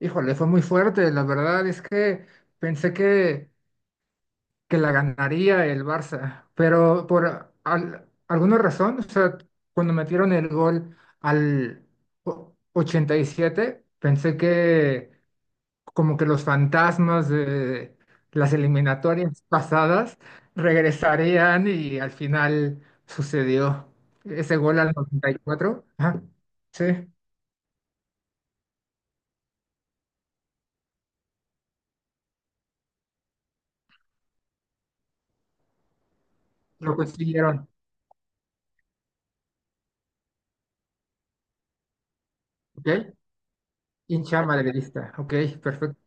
Híjole, fue muy fuerte. La verdad es que pensé que la ganaría el Barça, pero por alguna razón, o sea, cuando metieron el gol al 87 pensé que como que los fantasmas de las eliminatorias pasadas regresarían y al final sucedió ese gol al 94. Ajá, sí, lo consiguieron. ¿Ok? Hincha madridista, ok, perfecto.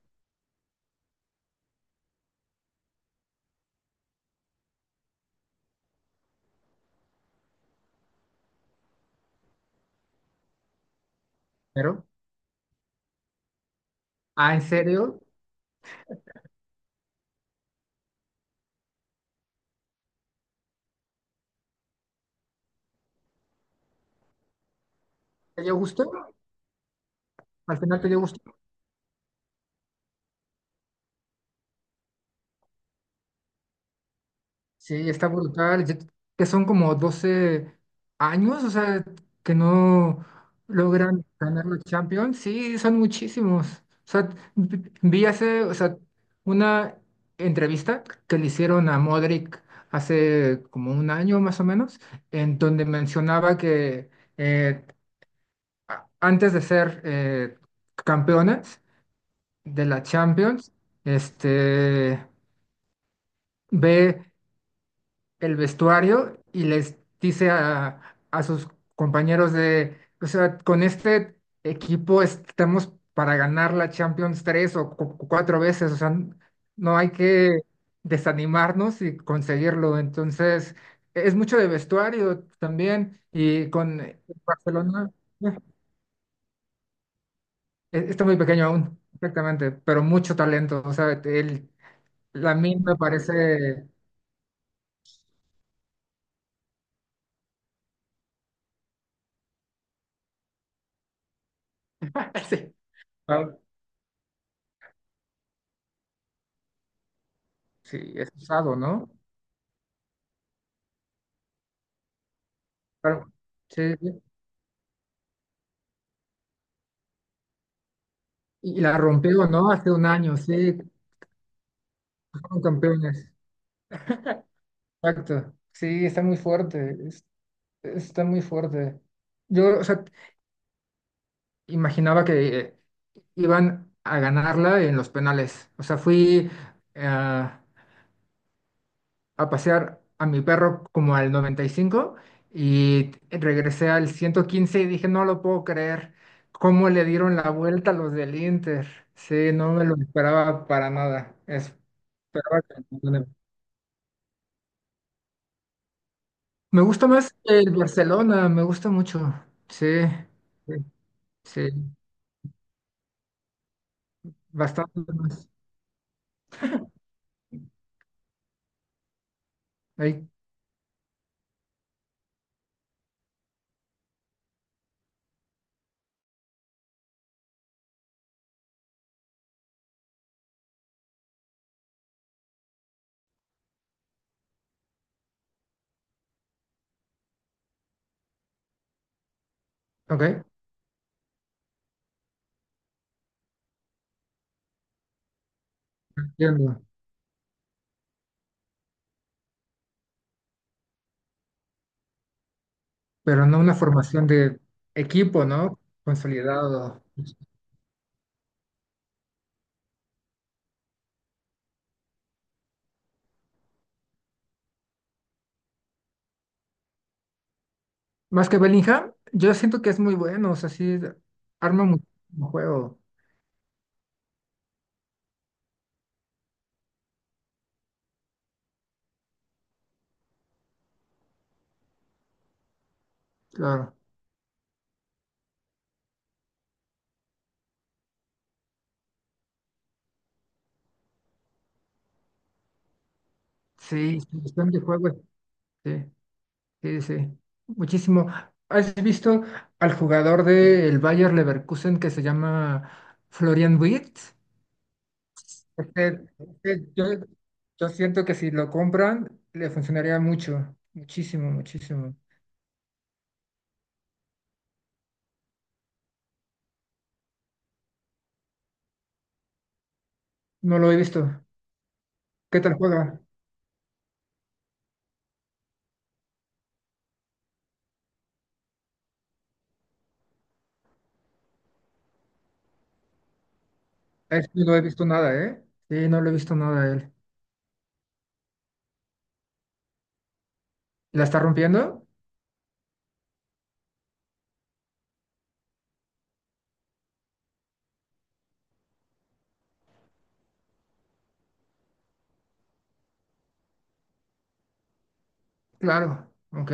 Pero, ah, ¿en serio? ¿Te dio gusto? ¿Al final te dio gusto? Sí, está brutal. Que son como 12 años, o sea, que no logran ganar la Champions. Sí, son muchísimos. O sea, vi hace, o sea, una entrevista que le hicieron a Modric hace como un año más o menos, en donde mencionaba que eh, antes de ser campeones de la Champions, este ve el vestuario y les dice a sus compañeros de, o sea, con este equipo estamos para ganar la Champions tres o cuatro veces, o sea, no hay que desanimarnos y conseguirlo. Entonces, es mucho de vestuario también y con Barcelona está muy pequeño aún, exactamente, pero mucho talento, o sea, el, Lamine me parece, sí, ah, sí, es usado, ¿no? Claro, sí, sí. Sí. Y la rompió, ¿no? Hace un año, sí, fueron campeones. Exacto. Sí, está muy fuerte, está muy fuerte. Yo, o sea, imaginaba que iban a ganarla en los penales. O sea, fui a pasear a mi perro como al 95 y cinco y regresé al 115 y dije, no lo puedo creer, cómo le dieron la vuelta a los del Inter. Sí, no me lo esperaba para nada. Es. Pero bueno, me gusta más el Barcelona, me gusta mucho. Sí, sí, sí, bastante más. Ahí, ok, entiendo. Pero no una formación de equipo, ¿no? Consolidado. Más que Bellingham, yo siento que es muy bueno, o sea, sí, arma muchísimo juego, claro. Sí, su gestión de juego, sí, sí, sí, muchísimo. ¿Has visto al jugador del Bayer Leverkusen que se llama Florian Wirtz? Es que- es que yo siento que si lo compran, le funcionaría mucho, muchísimo, muchísimo. No lo he visto. ¿Qué tal juega? A este no he visto nada, ¿eh? Sí, no lo he visto nada a él. ¿La está rompiendo? Claro, ok.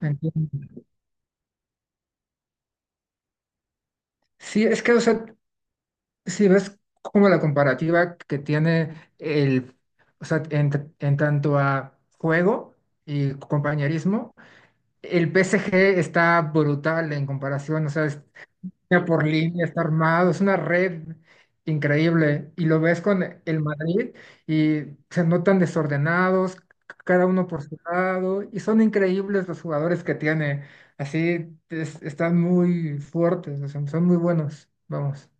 Entiendo. Sí, es que, o sea, si ves como la comparativa que tiene el, o sea, en tanto a juego y compañerismo, el PSG está brutal en comparación, o sea, línea por línea, está armado, es una red increíble. Y lo ves con el Madrid y se notan desordenados, cada uno por su lado, y son increíbles los jugadores que tiene. Así están muy fuertes, o sea, son muy buenos, vamos.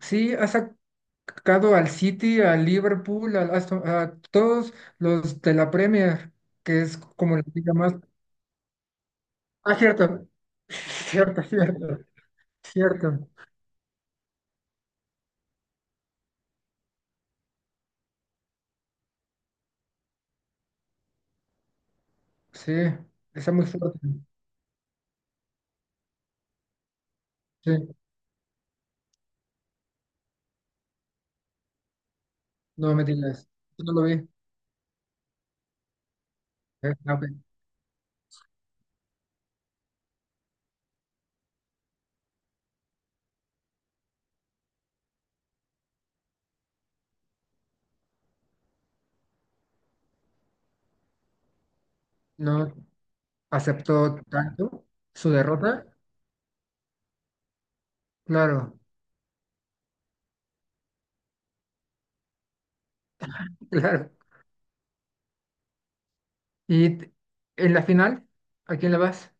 Sí, ha sacado al City, al Liverpool, al a todos los de la Premier, que es como la liga más... Ah, cierto, cierto, cierto, cierto. Sí, está muy fuerte. Sí, no me digas. Yo no lo vi. Ah, ok. No aceptó tanto su derrota. Claro, claro. Y en la final, ¿a quién le vas?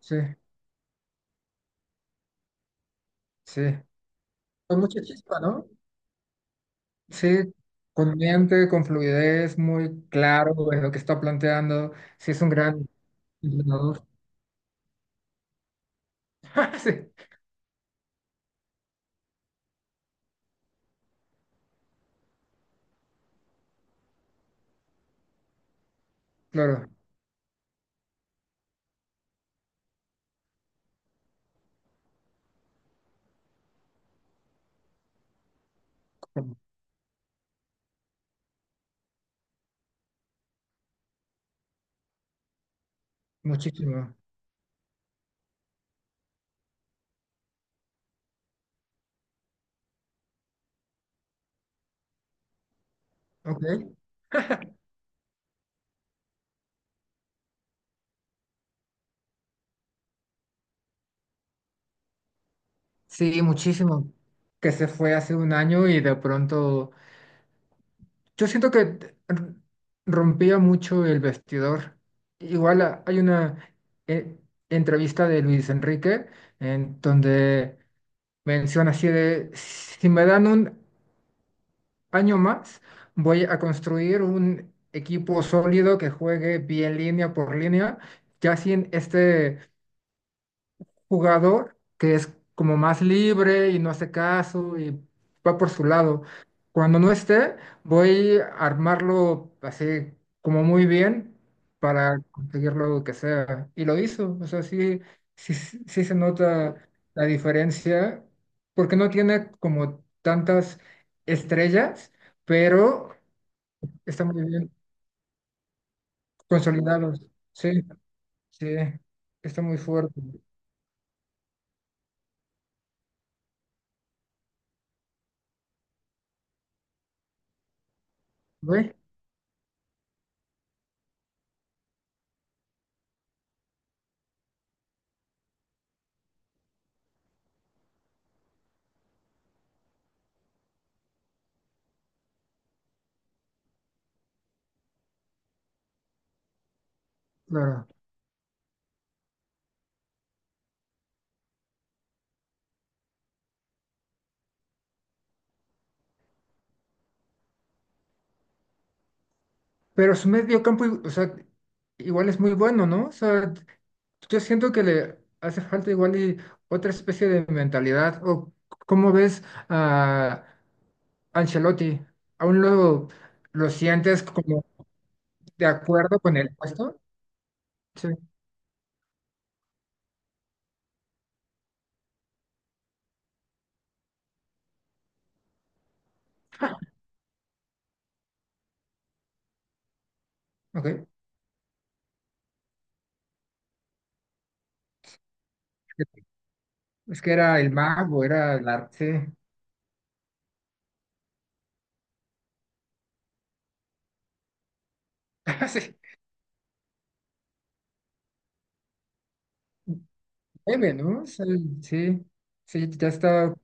Sí, sí. Con mucha chispa, ¿no? Sí, con mente, con fluidez, muy claro en lo que está planteando. Sí, es un gran entrenador. Sí, claro, con- muchísimo. Ok. Sí, muchísimo. Que se fue hace un año y de pronto. Yo siento que r- rompía mucho el vestidor. Igual hay una eh, entrevista de Luis Enrique en donde menciona así de, si me dan un año más, voy a construir un equipo sólido que juegue bien línea por línea, ya sin este jugador que es como más libre y no hace caso y va por su lado. Cuando no esté, voy a armarlo así como muy bien para conseguir lo que sea. Y lo hizo, o sea, sí, sí, sí se nota la diferencia porque no tiene como tantas estrellas, pero está muy bien consolidados. Sí, sí, está muy fuerte. ¿Ve? Claro. Pero su medio campo, o sea, igual es muy bueno, ¿no? O sea, yo siento que le hace falta igual y otra especie de mentalidad. ¿O cómo ves a Ancelotti? ¿Aún lo sientes como de acuerdo con el puesto? Sí. Ah, ok. Es que era el mago, era el arte. Sí. Sí, Meme, ¿no? O sea, sí, sí, ya está.